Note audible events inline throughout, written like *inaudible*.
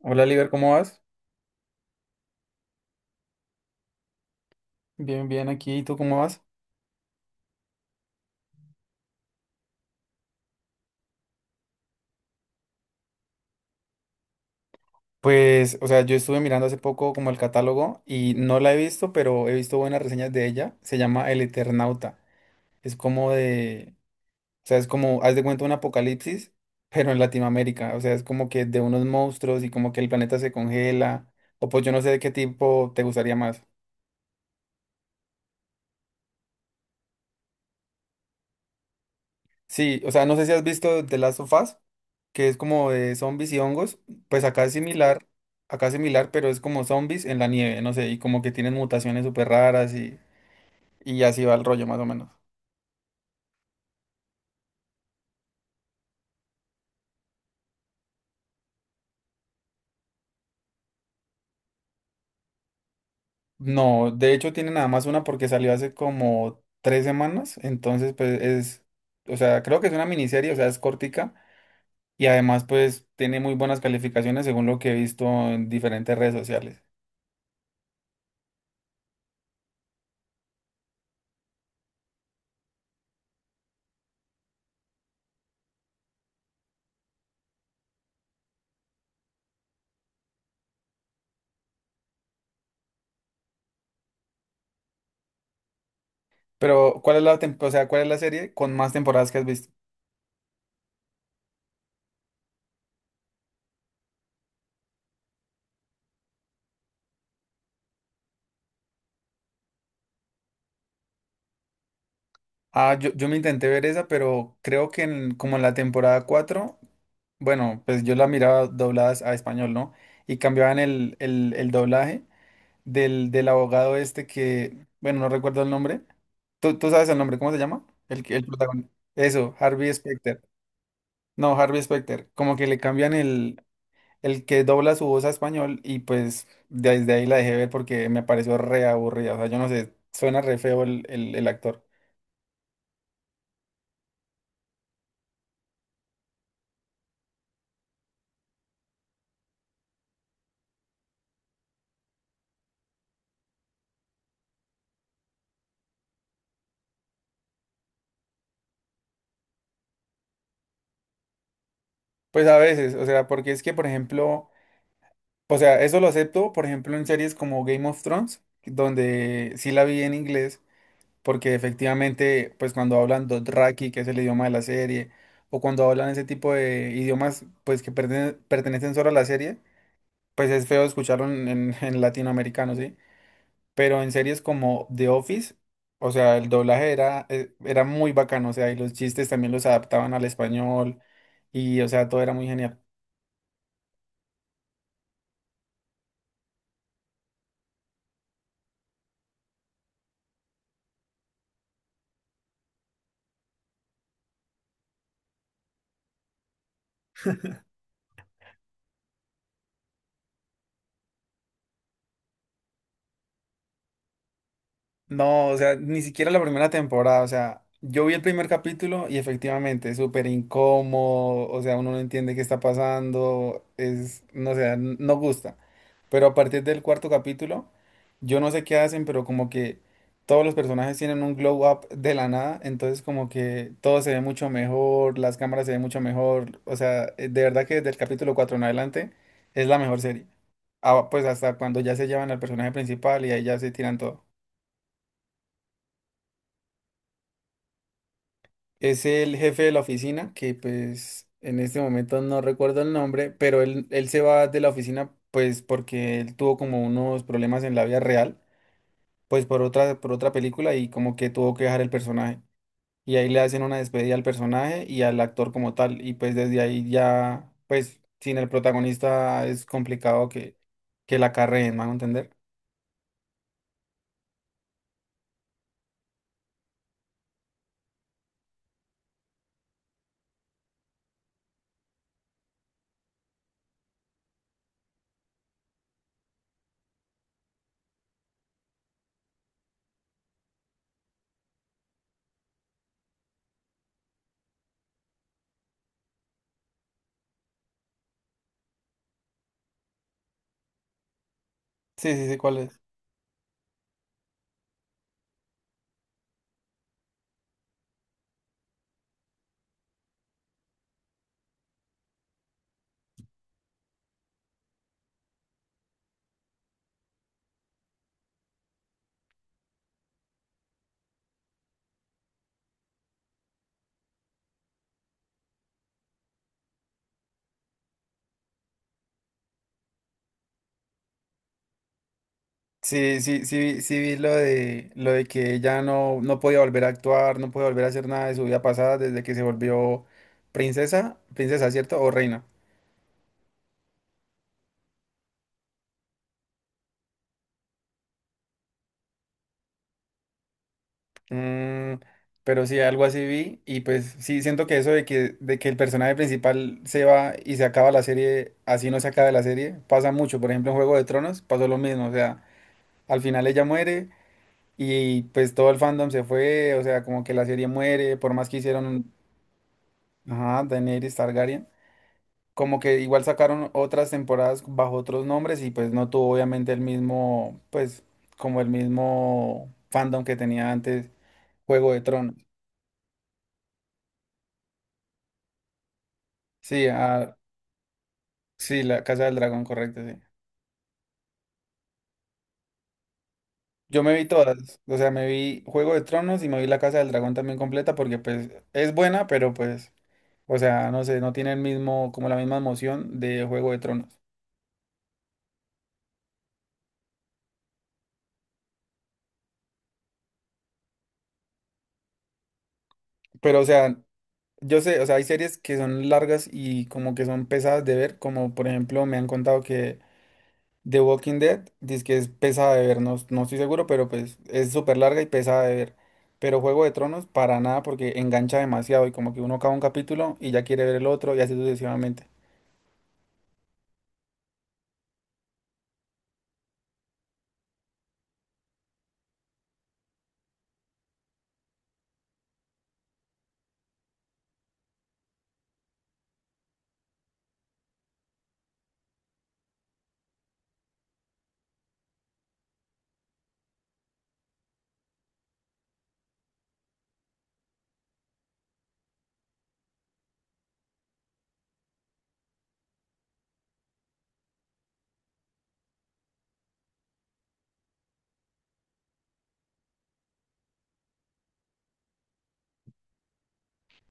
Hola, Liber, ¿cómo vas? Bien, bien, aquí, ¿y tú cómo vas? Pues, o sea, yo estuve mirando hace poco como el catálogo y no la he visto, pero he visto buenas reseñas de ella. Se llama El Eternauta. Es como de, o sea, es como, haz de cuenta un apocalipsis, pero en Latinoamérica. O sea, es como que de unos monstruos y como que el planeta se congela. O pues yo no sé de qué tipo te gustaría más. Sí, o sea, no sé si has visto The Last of Us, que es como de zombies y hongos. Pues acá es similar, pero es como zombies en la nieve, no sé, y como que tienen mutaciones súper raras y así va el rollo más o menos. No, de hecho tiene nada más una porque salió hace como tres semanas, entonces pues es, o sea, creo que es una miniserie, o sea, es cortica y además pues tiene muy buenas calificaciones según lo que he visto en diferentes redes sociales. Pero, ¿cuál es o sea, cuál es la serie con más temporadas que has visto? Ah, yo me intenté ver esa, pero creo que en, como en la temporada 4, bueno, pues yo la miraba doblada a español, ¿no? Y cambiaban el doblaje del abogado este que, bueno, no recuerdo el nombre. ¿Tú sabes el nombre? ¿Cómo se llama? El protagonista. Eso, Harvey Specter. No, Harvey Specter. Como que le cambian el que dobla su voz a español y pues desde ahí la dejé ver porque me pareció re aburrida. O sea, yo no sé, suena re feo el actor. Pues a veces, o sea, porque es que, por ejemplo... O sea, eso lo acepto, por ejemplo, en series como Game of Thrones, donde sí la vi en inglés, porque efectivamente, pues cuando hablan Dothraki, que es el idioma de la serie, o cuando hablan ese tipo de idiomas, pues que pertenecen solo a la serie, pues es feo escucharlo *laughs* en latinoamericano, ¿sí? Pero en series como The Office, o sea, el doblaje era, era muy bacano, o sea, y los chistes también los adaptaban al español, y o sea, todo era muy genial. No, o sea, ni siquiera la primera temporada, o sea, yo vi el primer capítulo y efectivamente, es súper incómodo, o sea, uno no entiende qué está pasando, es, no sé, no gusta. Pero a partir del cuarto capítulo, yo no sé qué hacen, pero como que todos los personajes tienen un glow up de la nada, entonces como que todo se ve mucho mejor, las cámaras se ven mucho mejor, o sea, de verdad que desde el capítulo 4 en adelante es la mejor serie. Ah, pues hasta cuando ya se llevan al personaje principal y ahí ya se tiran todo. Es el jefe de la oficina, que pues en este momento no recuerdo el nombre, pero él se va de la oficina pues porque él tuvo como unos problemas en la vida real, pues por otra película y como que tuvo que dejar el personaje. Y ahí le hacen una despedida al personaje y al actor como tal. Y pues desde ahí ya, pues sin el protagonista es complicado que la carreen, ¿me van a entender? Sí, sí, sí, ¿cuál es? Sí, sí, sí, sí vi lo de que ella no, no podía volver a actuar, no podía volver a hacer nada de su vida pasada desde que se volvió princesa, princesa, ¿cierto? O reina. Mm, pero sí, algo así vi y pues sí, siento que eso de que el personaje principal se va y se acaba la serie, así no se acaba la serie, pasa mucho. Por ejemplo, en Juego de Tronos pasó lo mismo, o sea, al final ella muere y pues todo el fandom se fue, o sea, como que la serie muere, por más que hicieron, ajá, Daenerys Targaryen. Como que igual sacaron otras temporadas bajo otros nombres y pues no tuvo obviamente el mismo, pues como el mismo fandom que tenía antes Juego de Tronos. Sí, ah, sí, la Casa del Dragón, correcto, sí. Yo me vi todas, o sea, me vi Juego de Tronos y me vi la Casa del Dragón también completa porque pues es buena, pero pues, o sea, no sé, no tiene el mismo, como la misma emoción de Juego de Tronos. Pero, o sea, yo sé, o sea, hay series que son largas y como que son pesadas de ver, como por ejemplo me han contado que The Walking Dead, dice que es pesada de ver, no, no estoy seguro, pero pues es súper larga y pesada de ver. Pero Juego de Tronos, para nada, porque engancha demasiado y como que uno acaba un capítulo y ya quiere ver el otro y así sucesivamente.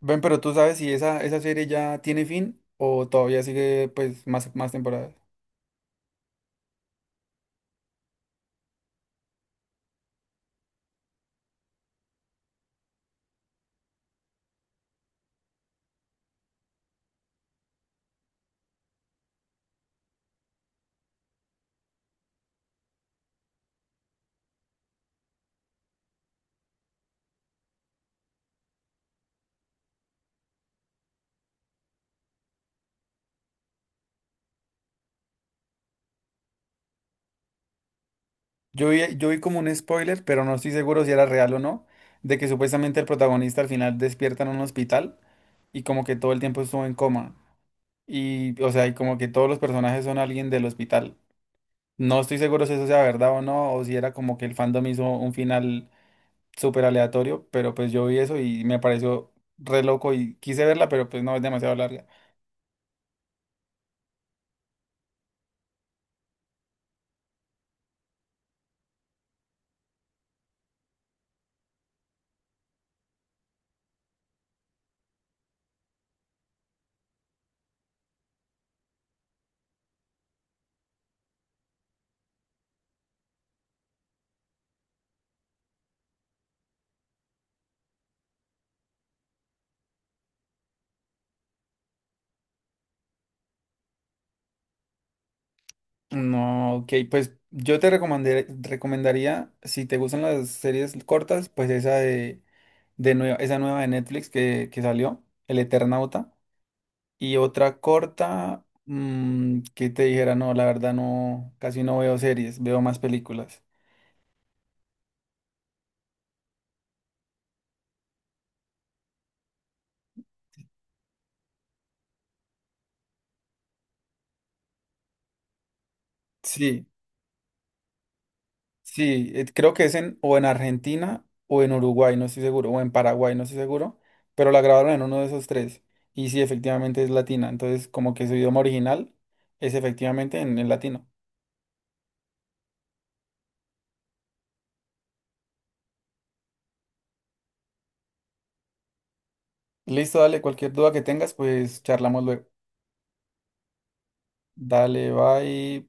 Ven, pero tú sabes si esa serie ya tiene fin o todavía sigue pues más temporadas. Yo vi como un spoiler, pero no estoy seguro si era real o no, de que supuestamente el protagonista al final despierta en un hospital y como que todo el tiempo estuvo en coma. Y, o sea, y como que todos los personajes son alguien del hospital. No estoy seguro si eso sea verdad o no, o si era como que el fandom hizo un final súper aleatorio, pero pues yo vi eso y me pareció re loco y quise verla, pero pues no es demasiado larga. No, ok, pues yo te recomendaría, si te gustan las series cortas, pues esa de nueva, esa nueva de Netflix que salió, El Eternauta, y otra corta que te dijera, no, la verdad no, casi no veo series, veo más películas. Sí, sí, creo que es en, o en Argentina o en Uruguay, no estoy seguro, o en Paraguay, no estoy seguro, pero la grabaron en uno de esos tres. Y sí, efectivamente es latina, entonces como que su idioma original es efectivamente en latino. Listo, dale, cualquier duda que tengas, pues charlamos luego. Dale, bye.